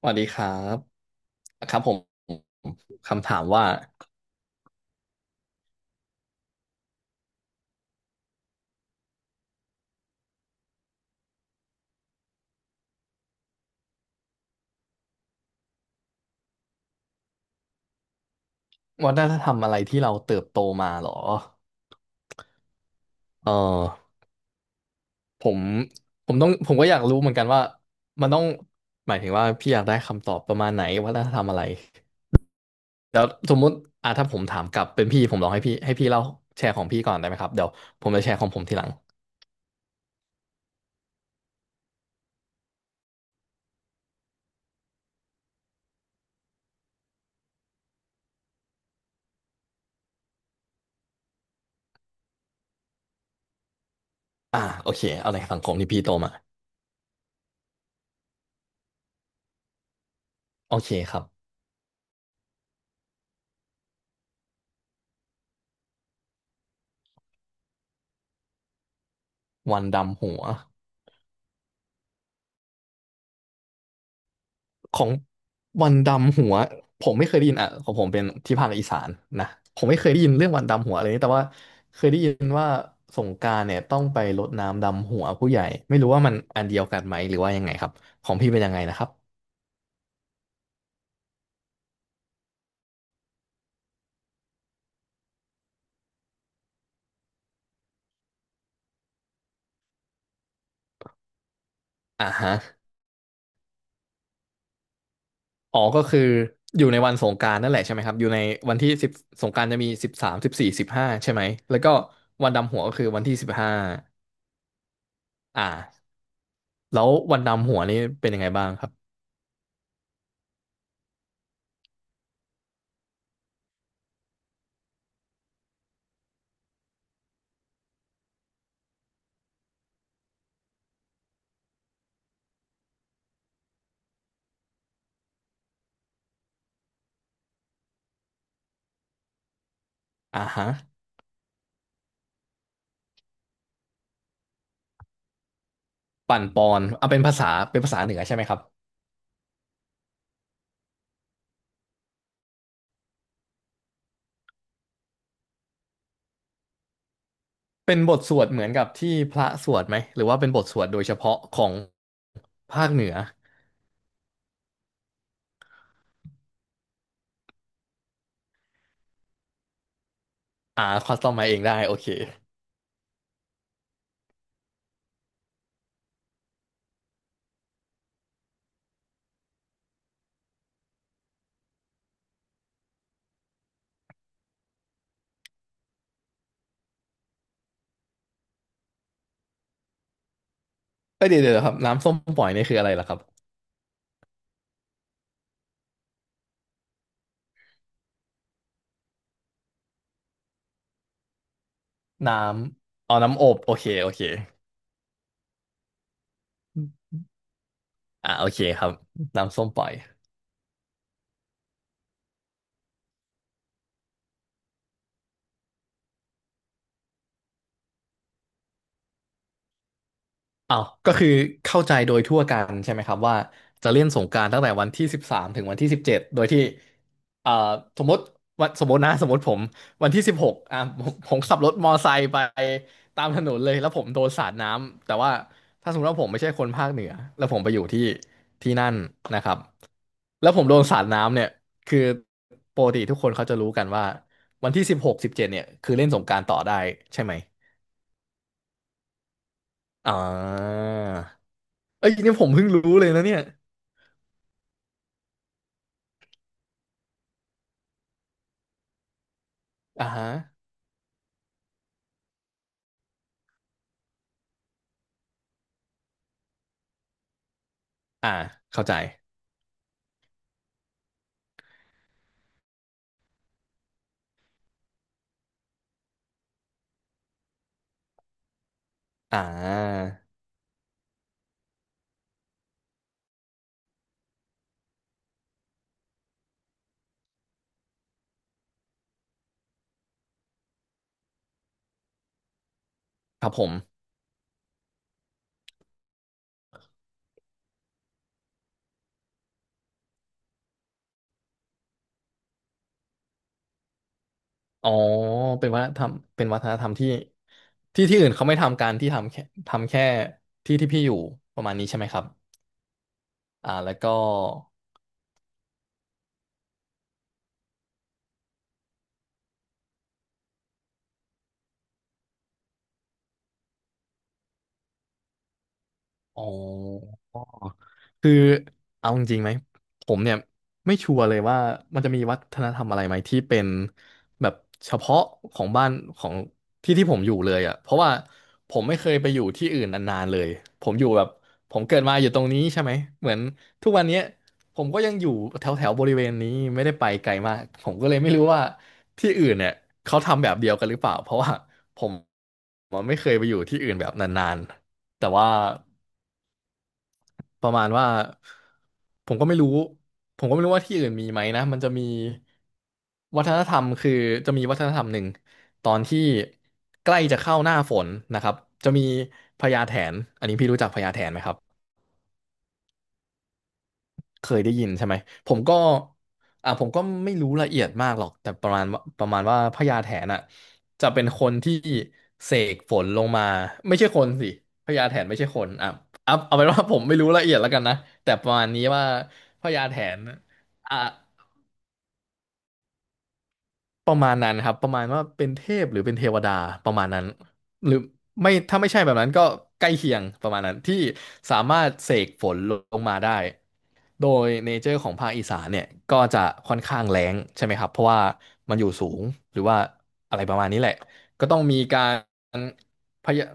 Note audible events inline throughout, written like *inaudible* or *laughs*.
สวัสดีครับครับผมคำถามว่าวัฒนธรรมอะไรที่เราเติบโตมาหรอเออผมผมก็อยากรู้เหมือนกันว่ามันต้องหมายถึงว่าพี่อยากได้คำตอบประมาณไหนวัฒนธรรมอะไรแล้วสมมุติอ่ะถ้าผมถามกลับเป็นพี่ผมลองให้พี่เล่าแชร์ของพี่ก่อนได้ไหมครับเดี๋ยวผมจะแชร์ของผมทีหลังอ่าโอเคเอาในสังคมที่พี่โตมาโอเคครับวันดำหัว ของวันดำหัวผมไม่เคยได้ยินอ่ะของผมเป็นที่ภาคอีสานนะผมไม่เคยได้ยินเรื่องวันดำหัวอะไรนี้แต่ว่าเคยได้ยินว่าสงกรานต์เนี่ยต้องไปรดน้ำดำหัวผู้ใหญ่ไม่รู้ว่ามันอันเดียวกันไหมหรือว่ายังไงครับของพี่เป็นยังไงนะครับอ่าฮะอ๋อก็คืออยู่ในวันสงกรานต์นั่นแหละใช่ไหมครับอยู่ในวันที่สิบสงกรานต์จะมีสิบสาม14สิบห้าใช่ไหมแล้วก็วันดำหัวก็คือวันที่สิบห้าอ่าแล้ววันดำหัวนี่เป็นยังไงบ้างครับอ่าฮะ ปั่นปอนเอาเป็นภาษาเป็นภาษาเหนือใช่ไหมครับเป็นบทสวดเหมือนกับที่พระสวดไหมหรือว่าเป็นบทสวดโดยเฉพาะของภาคเหนืออ่าคัสตอมมาเองได้โอเคเอ้ยเดี๋ยวเดี๋ยวครับน้ำส้มปล่อยนี่คืออะไรล่ะครับน้ำเอาน้ำอบโอเคโอเคอ่าโอเคครับน้ำส้มปล่อย อ้าวก็คือเข้าใจโดยทั่วกันใช่ไหมครับว่าจะเล่นสงกรานต์ตั้งแต่วันที่สิบสามถึงวันที่สิบเจ็ดโดยที่เอ่อสมมติวันสมมตินะสมมติผมวันที่สิบหกอ่ะผมขับรถมอไซค์ไปตามถนนเลยแล้วผมโดนสาดน้ำแต่ว่าถ้าสมมติว่าผมไม่ใช่คนภาคเหนือแล้วผมไปอยู่ที่ที่นั่นนะครับแล้วผมโดนสาดน้ำเนี่ยคือปกติทุกคนเขาจะรู้กันว่าวันที่สิบหกสิบเจ็ดเนี่ยคือเล่นสงกรานต์ต่อได้ใช่ไหมอ่า เอ้ยเนี่ยผมเพิ่งรู้เลยนะเนี่ยอ่าฮะ อ่า เข้าใจ อ่า ครับผม อ๋อ เป็นวัฒนธรรมเป็นวัฒนธรรมที่ ที่ที่อื่นเขาไม่ทำการที่ทำแค่ที่ที่พี่อยู่ ประมาณนี้ใช่ไหมครับ อ่า แล้วก็ อ๋อ คือเอาจริงๆไหมผมเนี่ยไม่ชัวร์เลยว่ามันจะมีวัฒนธรรมอะไรไหมที่เป็นแบบเฉพาะของบ้านของที่ที่ผมอยู่เลยอ่ะเพราะว่าผมไม่เคยไปอยู่ที่อื่นนานๆเลยผมอยู่แบบผมเกิดมาอยู่ตรงนี้ใช่ไหมเหมือนทุกวันเนี้ยผมก็ยังอยู่แถวแถวบริเวณนี้ไม่ได้ไปไกลมากผมก็เลยไม่รู้ว่าที่อื่นเนี่ยเขาทำแบบเดียวกันหรือเปล่าเพราะว่าผมผมไม่เคยไปอยู่ที่อื่นแบบนานๆแต่ว่า ประมาณว่าผมก็ไม่รู้ผมก็ไม่รู้ว่าที่อื่นมีไหมนะมันจะมีวัฒนธรรมคือจะมีวัฒนธรรมหนึ่งตอนที่ใกล้จะเข้าหน้าฝนนะครับจะมีพญาแถนอันนี้พี่รู้จักพญาแถนไหมครับ เคยได้ยินใช่ไหมผมก็อ่าผมก็ไม่รู้ละเอียดมากหรอกแต่ประมาณว่าพญาแถนอ่ะจะเป็นคนที่เสกฝนลงมาไม่ใช่คนสิพญาแถนไม่ใช่คนอ่ะเอาเป็นว่าผมไม่รู้ละเอียดแล้วกันนะแต่ประมาณนี้ว่าพญาแถนอ่ะ ประมาณนั้นครับประมาณว่าเป็นเทพหรือเป็นเทวดาประมาณนั้นหรือไม่ถ้าไม่ใช่แบบนั้นก็ใกล้เคียงประมาณนั้นที่สามารถเสกฝนลงมาได้โดยเนเจอร์ของภาคอีสานเนี่ยก็จะค่อนข้างแล้งใช่ไหมครับเพราะว่ามันอยู่สูงหรือว่าอะไรประมาณนี้แหละก็ต้องมีการพยา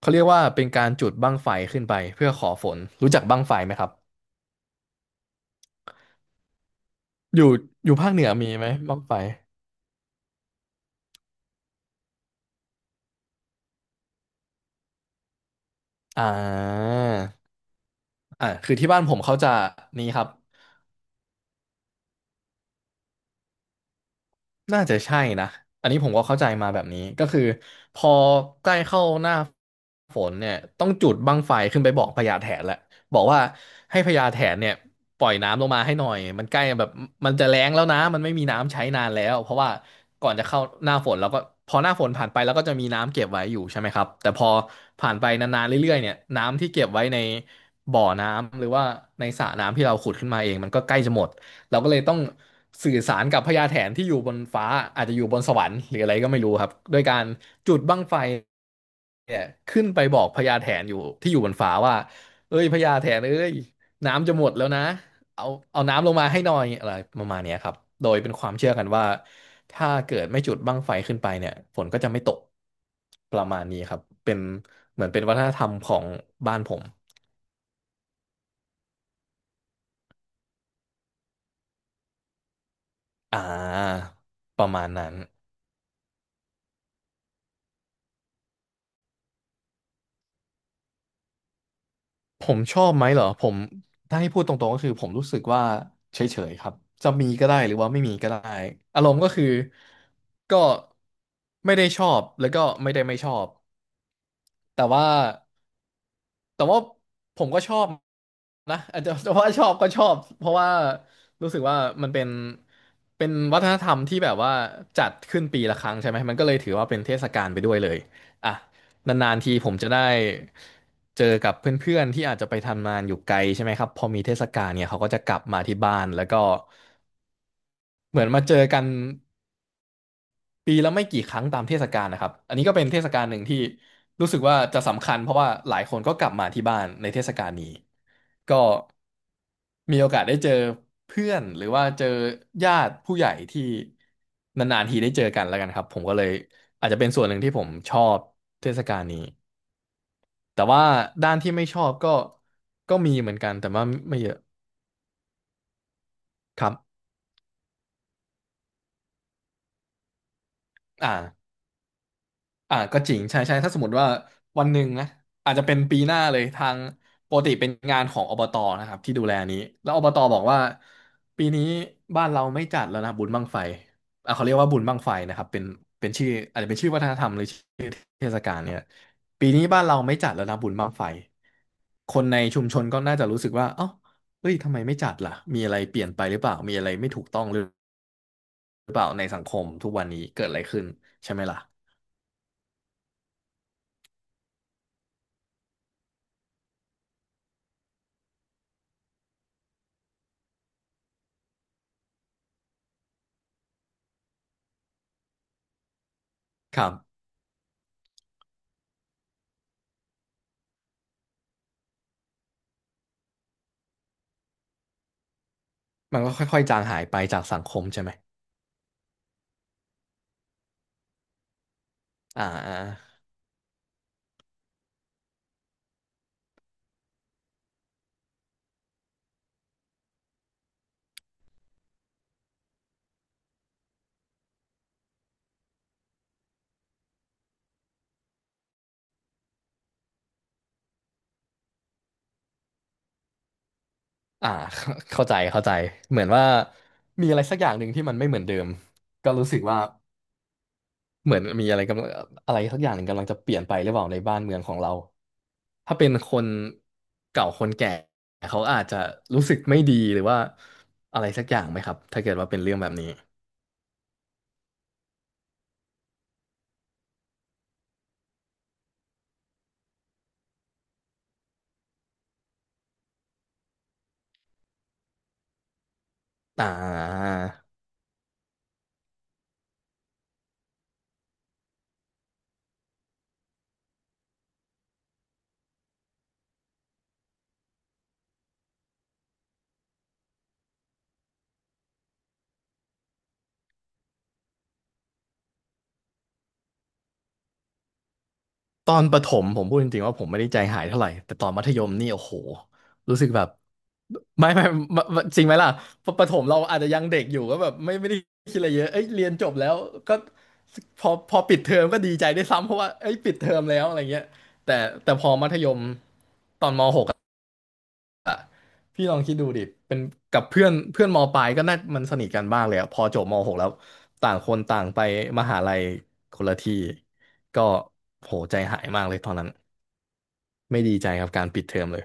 เขาเรียกว่าเป็นการจุดบั้งไฟขึ้นไปเพื่อขอฝนรู้จักบั้งไฟไหมครับอยู่อยู่ภาคเหนือมีไหมบั้งไฟอ่า อ่าคือที่บ้านผมเขาจะนี้ครับน่าจะใช่นะอันนี้ผมก็เข้าใจมาแบบนี้ก็คือพอใกล้เข้าหน้าฝนเนี่ยต้องจุดบั้งไฟขึ้นไปบอกพญาแถนแหละบอกว่าให้พญาแถนเนี่ยปล่อยน้ำลงมาให้หน่อยมันใกล้แบบมันจะแล้งแล้วนะมันไม่มีน้ำใช้นานแล้วเพราะว่าก่อนจะเข้าหน้าฝนแล้วก็พอหน้าฝนผ่านไปแล้วก็จะมีน้ำเก็บไว้อยู่ใช่ไหมครับแต่พอผ่านไปนานๆเรื่อยๆเนี่ยน้ำที่เก็บไว้ในบ่อน้ำหรือว่าในสระน้ำที่เราขุดขึ้นมาเองมันก็ใกล้จะหมด เราก็เลยต้องสื่อสารกับพญาแถนที่อยู่บนฟ้าอาจจะอยู่บนสวรรค์หรืออะไรก็ไม่รู้ครับด้วยการจุดบั้งไฟเนี่ยขึ้นไปบอกพญาแถนอยู่ที่อยู่บนฟ้าว่าเอ้ยพญาแถนเอ้ยน้ำจะหมดแล้วนะเอาเอาน้ำลงมาให้หน่อยอะไรประมาณเนี้ยครับโดยเป็นความเชื่อกันว่าถ้าเกิดไม่จุดบั้งไฟขึ้นไปเนี่ยฝนก็จะไม่ตกประมาณนี้ครับเป็นเหมือนเป็นวัฒนธรรมของบ้านผมอ่าประมาณนั้น ผมชอบไหมเหรอผมถ้าให้พูดตรงๆก็คือผมรู้สึกว่าเฉยๆครับจะมีก็ได้หรือว่าไม่มีก็ได้อารมณ์ก็คือก็ไม่ได้ชอบแล้วก็ไม่ได้ไม่ชอบแต่ว่า แต่ว่าผมก็ชอบนะ *laughs* อาจจะแต่ว่าชอบก็ชอบเพราะว่ารู้สึกว่ามันเป็นวัฒนธรรมที่แบบว่าจัดขึ้นปีละครั้งใช่ไหมมันก็เลยถือว่าเป็นเทศกาลไปด้วยเลยอ่ะนานๆทีผมจะได้เจอกับเพื่อนๆที่อาจจะไปทำงานอยู่ไกลใช่ไหมครับพอมีเทศกาลเนี่ยเขาก็จะกลับมาที่บ้านแล้วก็เหมือนมาเจอกัน ปีละไม่กี่ครั้งตามเทศกาลนะครับ อันนี้ก็เป็นเทศกาลหนึ่งที่รู้สึกว่าจะสำคัญเพราะว่าหลายคนก็กลับมาที่บ้านในเทศกาลนี้ก็มีโอกาสได้เจอเพื่อนหรือว่าเจอญาติผู้ใหญ่ที่นานๆทีได้เจอกันแล้วกันครับผมก็เลยอาจจะเป็นส่วนหนึ่งที่ผมชอบเทศกาลนี้แต่ว่าด้านที่ไม่ชอบก็มีเหมือนกันแต่ว่าไม่เยอะครับอ่า อ่าก็จริงใช่ใช่ถ้าสมมติว่าวันหนึ่งนะอาจจะเป็นปีหน้าเลยทางปกติเป็นงานของอบตนะครับที่ดูแลนี้แล้วอบตบอกว่าปีนี้บ้านเราไม่จัดแล้วนะบุญบั้งไฟอ่ะเขาเรียกว่าบุญบั้งไฟนะครับเป็นชื่ออาจจะเป็นชื่อวัฒนธรรมหรือชื่อเทศกาลเนี่ยปีนี้บ้านเราไม่จัดแล้วนะบุญบั้งไฟคนในชุมชนก็น่าจะรู้สึกว่าเอ้าเฮ้ยทำไมไม่จัดล่ะมีอะไรเปลี่ยนไปหรือเปล่ามีอะไรไม่ถูกต้องหรือเปล่าในสังคมทุกวันนี้เกิดอะไรขึ้นใช่ไหมล่ะครับ มันก็ค่อยๆจางหายไปจากสังคมใช่ไหมอ่าอ่าอ่า *laughs* เข้าใจเข้าใจเหมือนว่ามีอะไรสักอย่างหนึ่งที่มันไม่เหมือนเดิมก็รู้สึกว่าเหมือนมีอะไรกำลังอะไรสักอย่างหนึ่งกำลังจะเปลี่ยนไปหรือเปล่าในบ้านเมืองของเรา ถ้าเป็นคนเก่าคนแก่เขาอาจจะรู้สึกไม่ดีหรือว่าอะไรสักอย่างไหมครับถ้าเกิดว่าเป็นเรื่องแบบนี้อ่า ตอนประถมผมพูดจริงๆว่าผมไม่ได้ใจหายเท่าไหร่แต่ตอนมัธยมนี่โอ้โหรู้สึกแบบไม่ไม่ไม่จริงไหมล่ะปประถมเราอาจจะยังเด็กอยู่ก็แบบไม่ได้คิดอะไรเยอะเอ้ยเรียนจบแล้วก็พอปิดเทอมก็ดีใจได้วยซ้ำเพราะว่าเอ้ยปิดเทอมแล้วอะไรเงี้ยแต่แต่พอมัธยมตอนม .6 อะพี่ลองคิดดูดิเป็นกับเพื่อนเพื่อนมปลายก็น่ามันสนิทกันบ้างเลยอะพอจบม .6 แล้วต่างคนต่างไปมหาลัยคนละที่ก็โหใจหายมากเลยตอนนั้น ไม่ดีใจกับการปิดเทอมเลย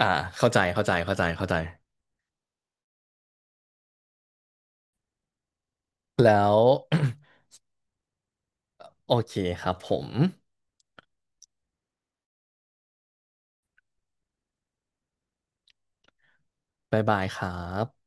อ่าเข้าใจเข้าใจ เข้าใจ เข้าใจ แล้ว *coughs* โอเคครับผมบ๊ายบายครับ